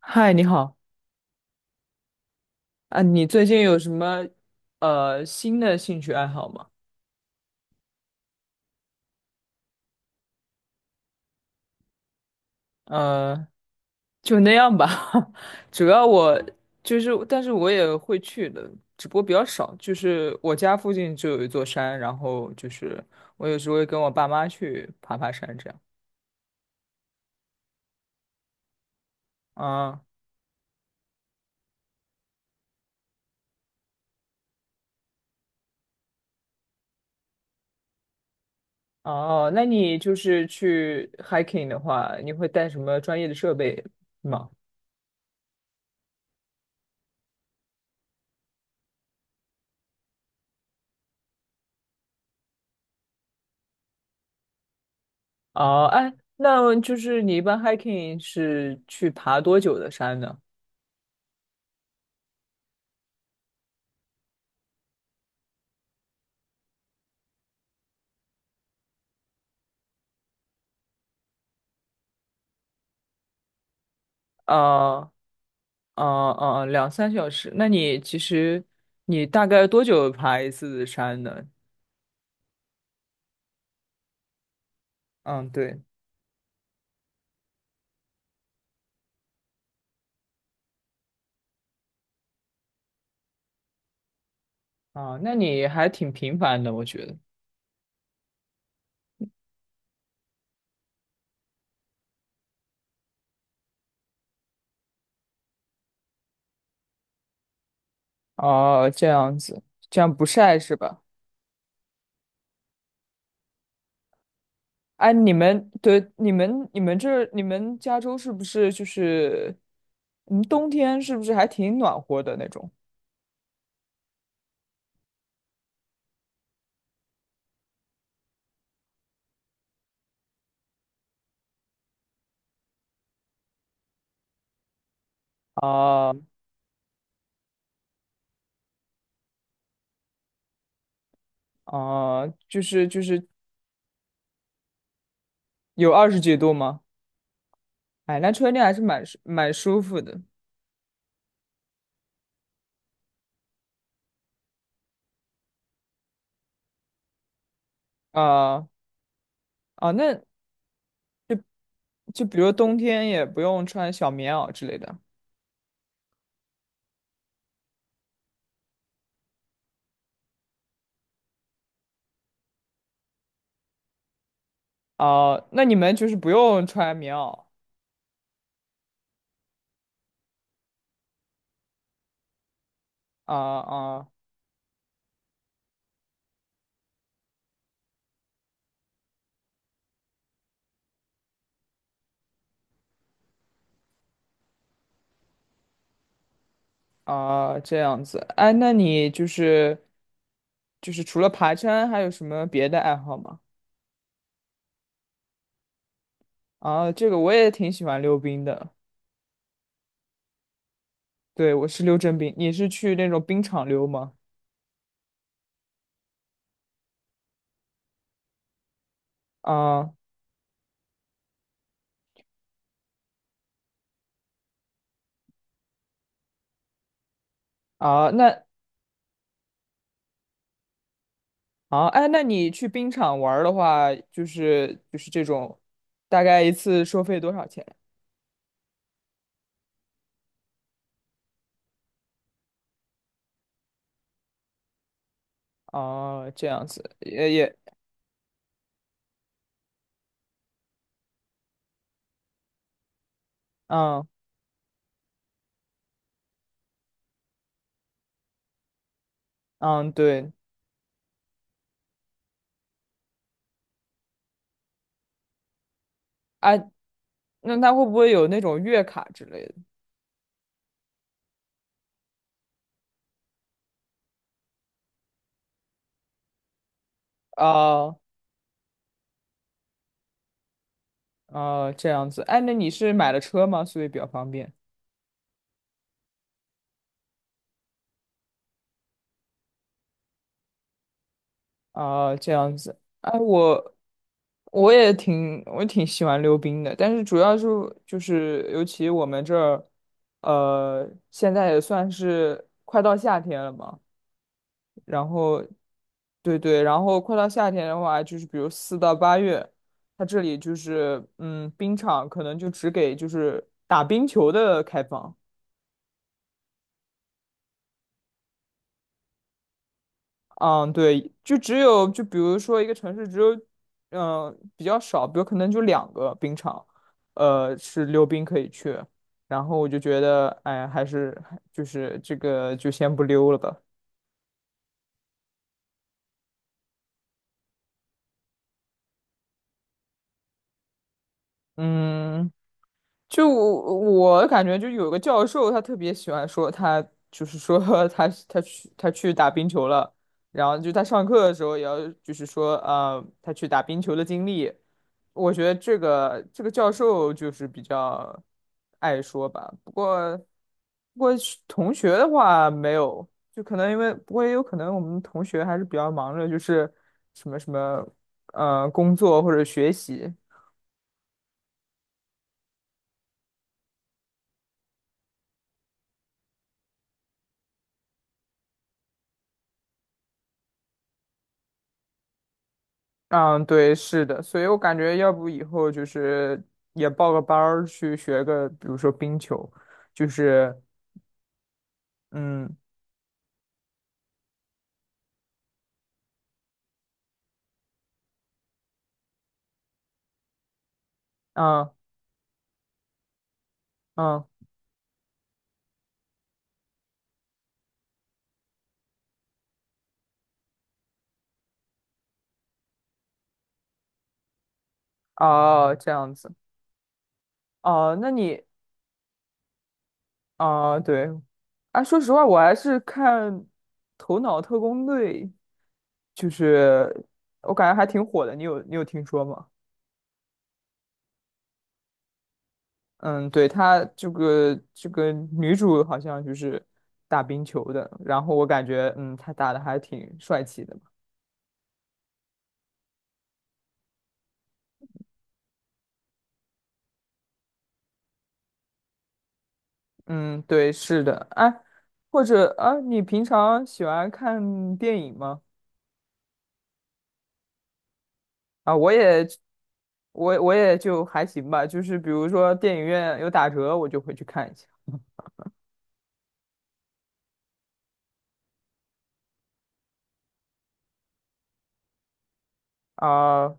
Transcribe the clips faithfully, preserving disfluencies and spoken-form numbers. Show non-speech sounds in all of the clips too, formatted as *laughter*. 嗨，你好啊，你最近有什么呃新的兴趣爱好吗？呃，就那样吧。*laughs* 主要我就是，但是我也会去的，只不过比较少。就是我家附近就有一座山，然后就是我有时候会跟我爸妈去爬爬山这样。啊，哦，那你就是去 hiking 的话，你会带什么专业的设备吗？哦，哎，那就是你一般 hiking 是去爬多久的山呢？啊。哦哦哦，两三小时。那你其实你大概多久爬一次山呢？嗯，对，啊，那你还挺频繁的，我觉得。哦，这样子，这样不晒是吧？哎，你们对你们你们这你们加州是不是就是嗯，冬天是不是还挺暖和的那种？啊啊，就是就是有二十几度吗？哎，那春天还是蛮舒蛮舒服的。啊啊，那就比如冬天也不用穿小棉袄之类的啊、那你们就是不用穿棉袄啊啊啊这样子。哎，那你就是就是除了爬山，还有什么别的爱好吗？啊，这个我也挺喜欢溜冰的。对，我是溜真冰，你是去那种冰场溜吗？啊啊，那啊哎，那你去冰场玩儿的话，就是就是这种，大概一次收费多少钱？哦，这样子也也，嗯。嗯，对，哎，那它会不会有那种月卡之类的？哦，哦，这样子，哎，那你是买了车吗？所以比较方便。哦，这样子，哎，我我也挺我挺喜欢溜冰的，但是主要是就是尤其我们这儿，呃，现在也算是快到夏天了嘛，然后，对对，然后快到夏天的话，就是比如四到八月，它这里就是嗯，冰场可能就只给就是打冰球的开放。嗯，对，就只有就比如说一个城市只有嗯、呃比较少，比如可能就两个冰场，呃是溜冰可以去。然后我就觉得，哎，还是就是这个就先不溜了吧。嗯，就我感觉，就有个教授，他特别喜欢说他，就是说 *laughs* 他他去他去打冰球了，然后就他上课的时候也要就是说，呃，他去打冰球的经历。我觉得这个这个教授就是比较爱说吧，不过不过是同学的话没有，就可能因为不过也有可能我们同学还是比较忙着，就是什么什么呃工作或者学习。嗯，对，是的，所以我感觉要不以后就是也报个班儿去学个，比如说冰球，就是嗯嗯嗯哦这样子哦，那你啊，对，啊，说实话，我还是看《头脑特工队》，就是我感觉还挺火的，你有你有听说吗？嗯，对，他这个这个女主好像就是打冰球的，然后我感觉嗯，她打的还挺帅气的。嗯，对，是的，哎，或者啊，你平常喜欢看电影吗？啊，我也，我我也就还行吧，就是比如说电影院有打折，我就会去看一下。啊，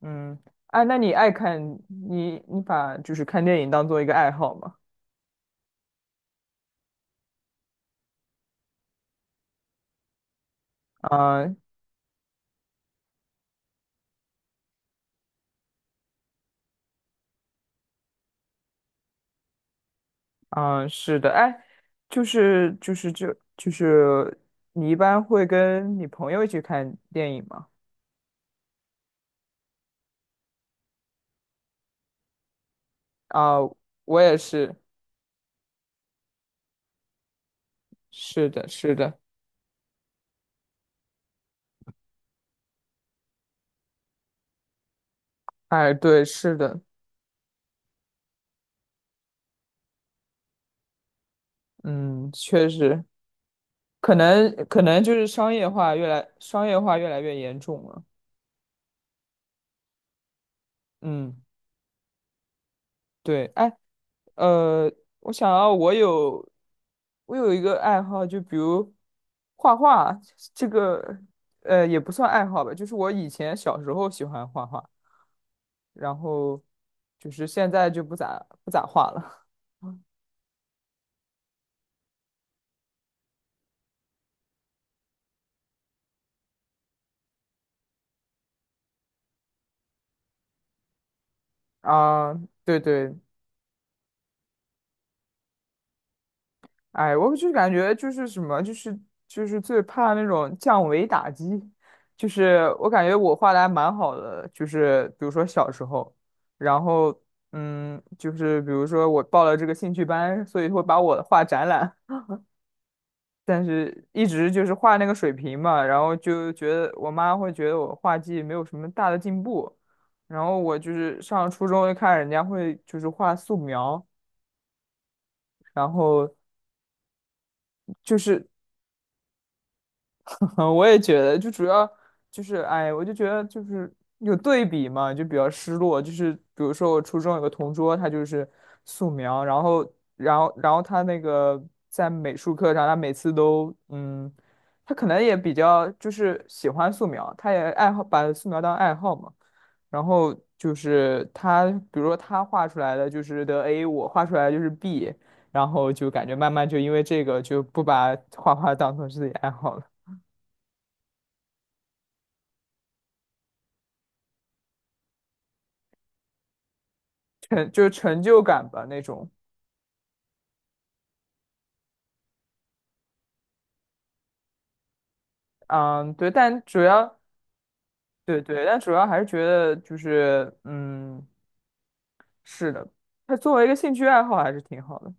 嗯，哎，那你爱看你你把就是看电影当做一个爱好吗？啊啊，是的，哎，就是就是就就是你一般会跟你朋友一起看电影吗？啊，我也是，是的，是的。哎，对，是的，嗯，确实，可能可能就是商业化越来商业化越来越严重了。嗯，对，哎，呃，我想要我有我有一个爱好，就比如画画，这个呃也不算爱好吧，就是我以前小时候喜欢画画，然后就是现在就不咋不咋画了。*laughs* 啊，对对，哎，我就感觉就是什么，就是就是最怕那种降维打击，就是我感觉我画的还蛮好的，就是比如说小时候，然后嗯，就是比如说我报了这个兴趣班，所以会把我画展览，但是一直就是画那个水平嘛，然后就觉得我妈会觉得我画技没有什么大的进步，然后我就是上初中就看人家会就是画素描，然后。就是嗯，*laughs* 我也觉得，就主要就是，哎，我就觉得就是有对比嘛，就比较失落。就是比如说我初中有个同桌，他就是素描，然后，然后，然后他那个在美术课上，他每次都，嗯，他可能也比较就是喜欢素描，他也爱好把素描当爱好嘛。然后就是他，比如说他画出来的就是得 A，我画出来的就是 B，然后就感觉慢慢就因为这个就不把画画当成自己爱好了。成就是成就感吧那种。嗯，对，但主要对对，但主要还是觉得就是嗯，是的，它作为一个兴趣爱好还是挺好的。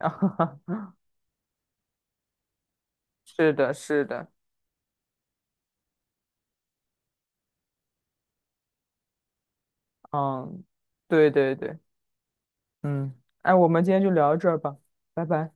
*laughs* 是的，是的，嗯，对对对，嗯，哎，我们今天就聊到这儿吧，拜拜。